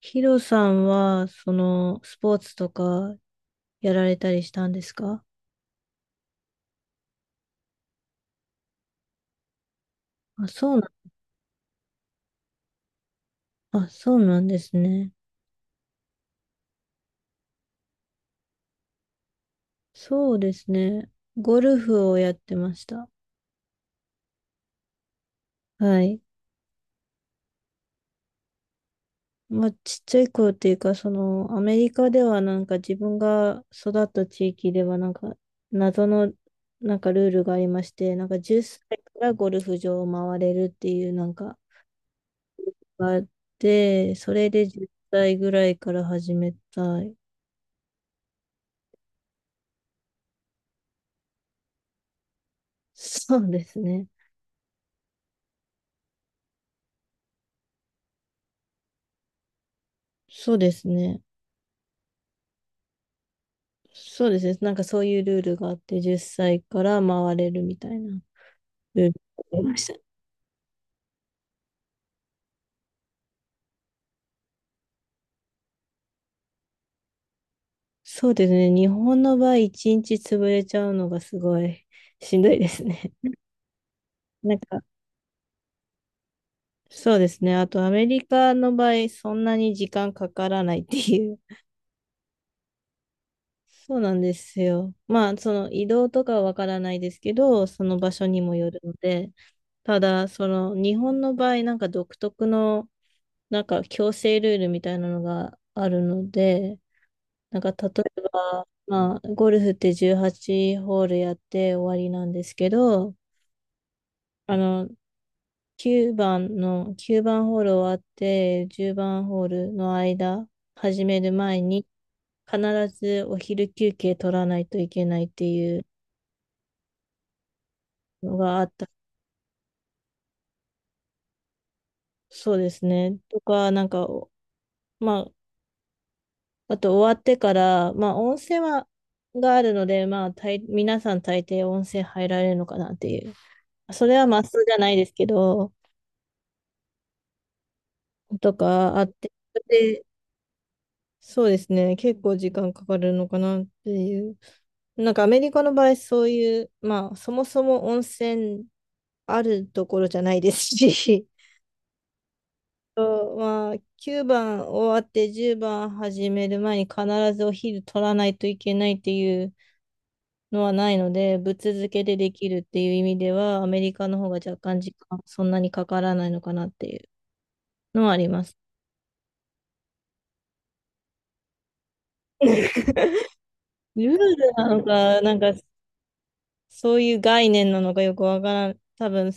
ヒロさんは、スポーツとかやられたりしたんですか？あ、そうな、あ、そうなんですね。そうですね。ゴルフをやってました。はい。まあ、ちっちゃい頃っていうか、アメリカではなんか自分が育った地域ではなんか、謎の、なんかルールがありまして、なんか10歳からゴルフ場を回れるっていうなんかがあって、それで10歳ぐらいから始めたい。そうですね。そうですね。そうですね。なんかそういうルールがあって、10歳から回れるみたいなルールがありました。そうですね。日本の場合、1日潰れちゃうのがすごいしんどいですね。なんか、そうですね。あと、アメリカの場合、そんなに時間かからないっていう。そうなんですよ。まあ、その移動とかはわからないですけど、その場所にもよるので、ただ、その日本の場合、なんか独特のなんか強制ルールみたいなのがあるので、なんか例えば、まあ、ゴルフって18ホールやって終わりなんですけど、あの、9番ホール終わって10番ホールの間、始める前に、必ずお昼休憩取らないといけないっていうのがあった。そうですね。とか、なんか、まあ、あと終わってから、まあ温泉は、があるので、まあ大皆さん大抵温泉入られるのかなっていう。それはマスじゃないですけど、とかあって、で、そうですね、結構時間かかるのかなっていう。なんかアメリカの場合、そういう、まあそもそも温泉あるところじゃないですし、そうまあ、9番終わって10番始める前に必ずお昼取らないといけないっていうのはないので、ぶっ続けでできるっていう意味では、アメリカの方が若干時間そんなにかからないのかなっていうのはあります。ルールなのか、なんかそういう概念なのかよくわからん。多分、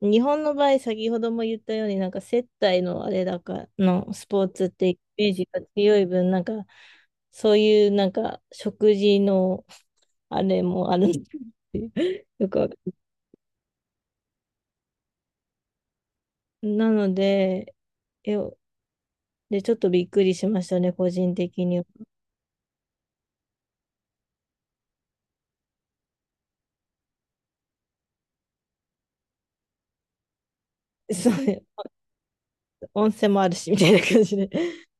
日本の場合、先ほども言ったように、なんか接待のあれだかのスポーツってイメージが強い分、なんかそういうなんか食事のあれもあるんですよ。よくわかんないなので、えで、ちょっとびっくりしましたね、個人的に。 そう、温泉もあるし、みたいな感じで。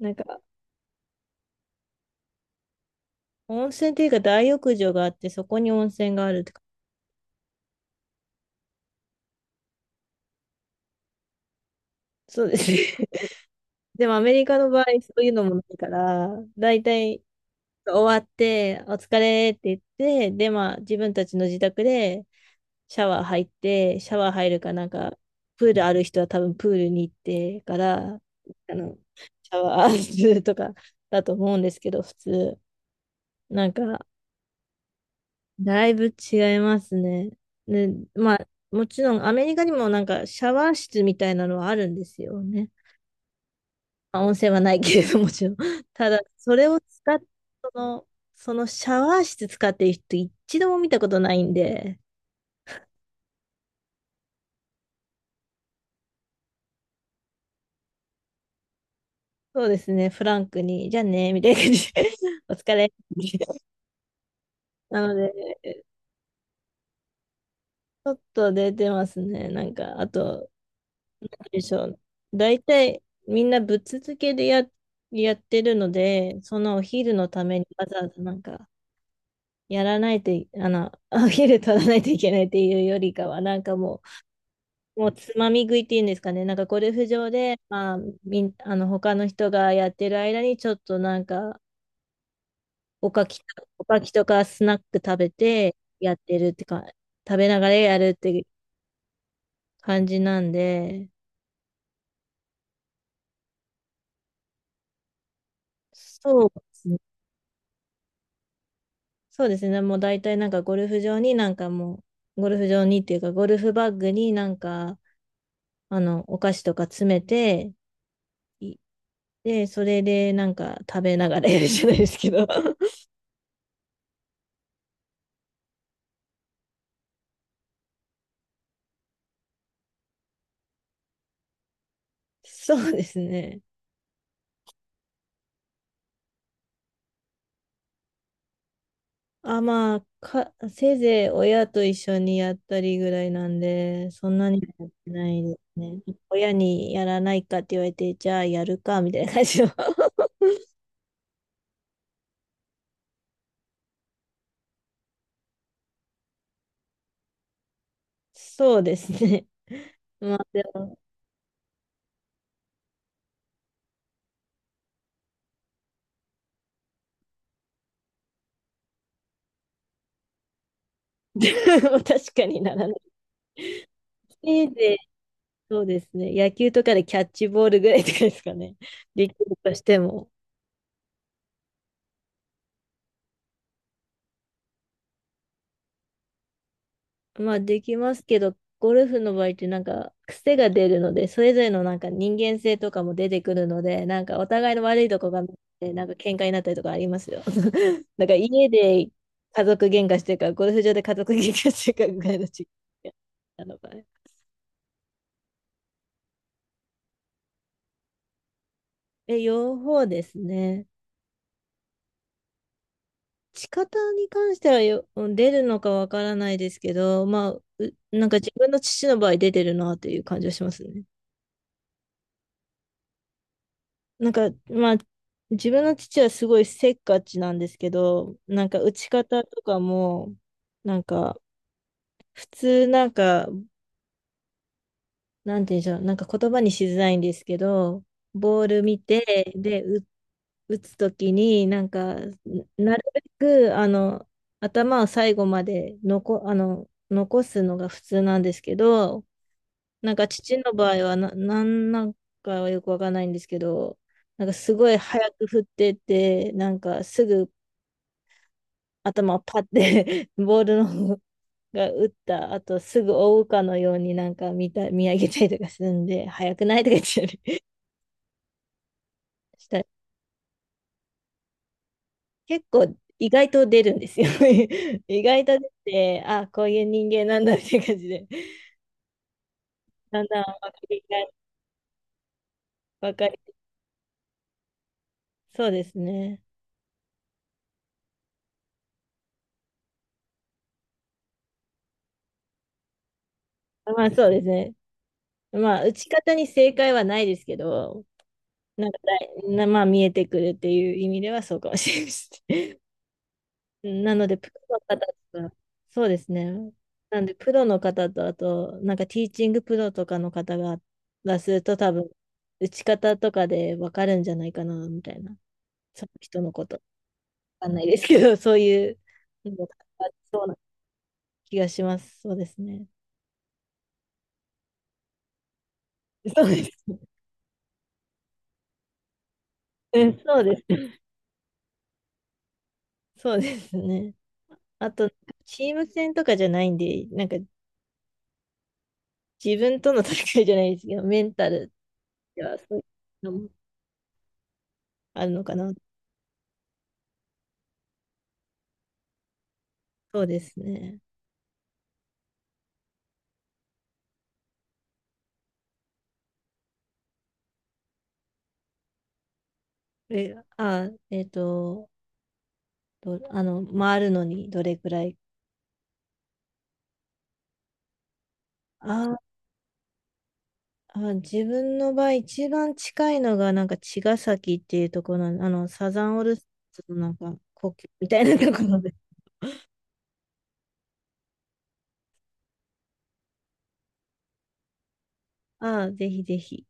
なんか、温泉っていうか大浴場があって、そこに温泉があるってか。そうですね。でもアメリカの場合、そういうのもないから、だいたい終わって、お疲れって言って、で、まあ、自分たちの自宅でシャワー入って、シャワー入るかなんか、プールある人は多分プールに行ってから、あの、シャワーするとかだと思うんですけど、普通。なんか、だいぶ違いますね。ね、まあ、もちろんアメリカにもなんかシャワー室みたいなのはあるんですよね。まあ、温泉はないけれどもちろん。ただ、それを使っ、その、そのシャワー室使ってる人一度も見たことないんで、そうですね、フランクに、じゃあね、みたいな感じで、お疲れ。なので、ちょっと出てますね。なんか、あと、でしょう。大体みんなぶっ続けでやってるので、そのお昼のためにわざわざなんかやらないとい、あの、お昼取らないといけないっていうよりかは、なんかもうつまみ食いっていうんですかね、なんかゴルフ場で、まあ、みん、あの、他の人がやってる間にちょっとなんか、おかき、おかきとかスナック食べてやってるってか、食べながらやるって感じなんで、そうですね、そうですね。もう大体なんかゴルフ場にっていうか、ゴルフバッグになんか、お菓子とか詰めて、いで、それでなんか食べながらやるじゃないですけど。そうですね。あ、まあ、せいぜい親と一緒にやったりぐらいなんで、そんなにやってないですね。親にやらないかって言われて、じゃあやるか、みたいな感じの。そうですね。まあでも、確かにならない。せいぜそうですね。野球とかでキャッチボールぐらいとかですかね。できるとしても。まあできますけど、ゴルフの場合ってなんか癖が出るので、それぞれのなんか人間性とかも出てくるので、なんかお互いの悪いとこが見えて、なんか喧嘩になったりとかありますよ。なんか家で家族喧嘩してるか、ゴルフ場で家族喧嘩してるかぐらいの違いなのかね。え、両方ですね。仕方に関してはよ、出るのかわからないですけど、まあ、なんか自分の父の場合出てるなという感じはしますね。なんか、まあ、自分の父はすごいせっかちなんですけど、なんか打ち方とかも、なんか、普通なんかなんて言うんでしょう、なんか言葉にしづらいんですけど、ボール見て、で、打つときに、なんか、なるべく、頭を最後まで残すのが普通なんですけど、なんか父の場合はなんかはよくわかんないんですけど、なんかすごい早く振ってって、なんかすぐ頭をパッて、 ボールの方が打った後すぐ追うかのようになんか見上げたりとかするんで、早くないとか言ってした。結構意外と出るんですよ。意外と出て、あ、こういう人間なんだって感じで、だんだん分かりが、分かり、そうですね。まあそうですね。まあ打ち方に正解はないですけど、なんかだいな、まあ見えてくるっていう意味ではそうかもしれないです。なので、プロの方とか、そうですね。なんで、プロの方と、あと、なんかティーチングプロとかの方がすると多分、打ち方とかで分かるんじゃないかな、みたいな。その人のこと、わかんないですけど、そういうのがありそうな気がします。そうですね。そうです。うん、そうです。そうですね。あと、チーム戦とかじゃないんで、なんか自分との戦いじゃないですけど、メンタルではそういうのもあるのかな。そうですね。あ、どあの、回るのにどれくらい、ああ、自分の場合、一番近いのが、なんか、茅ヶ崎っていうところなのサザンオールスターズのなんか、故郷みたいなところで。ああ、ぜひぜひ。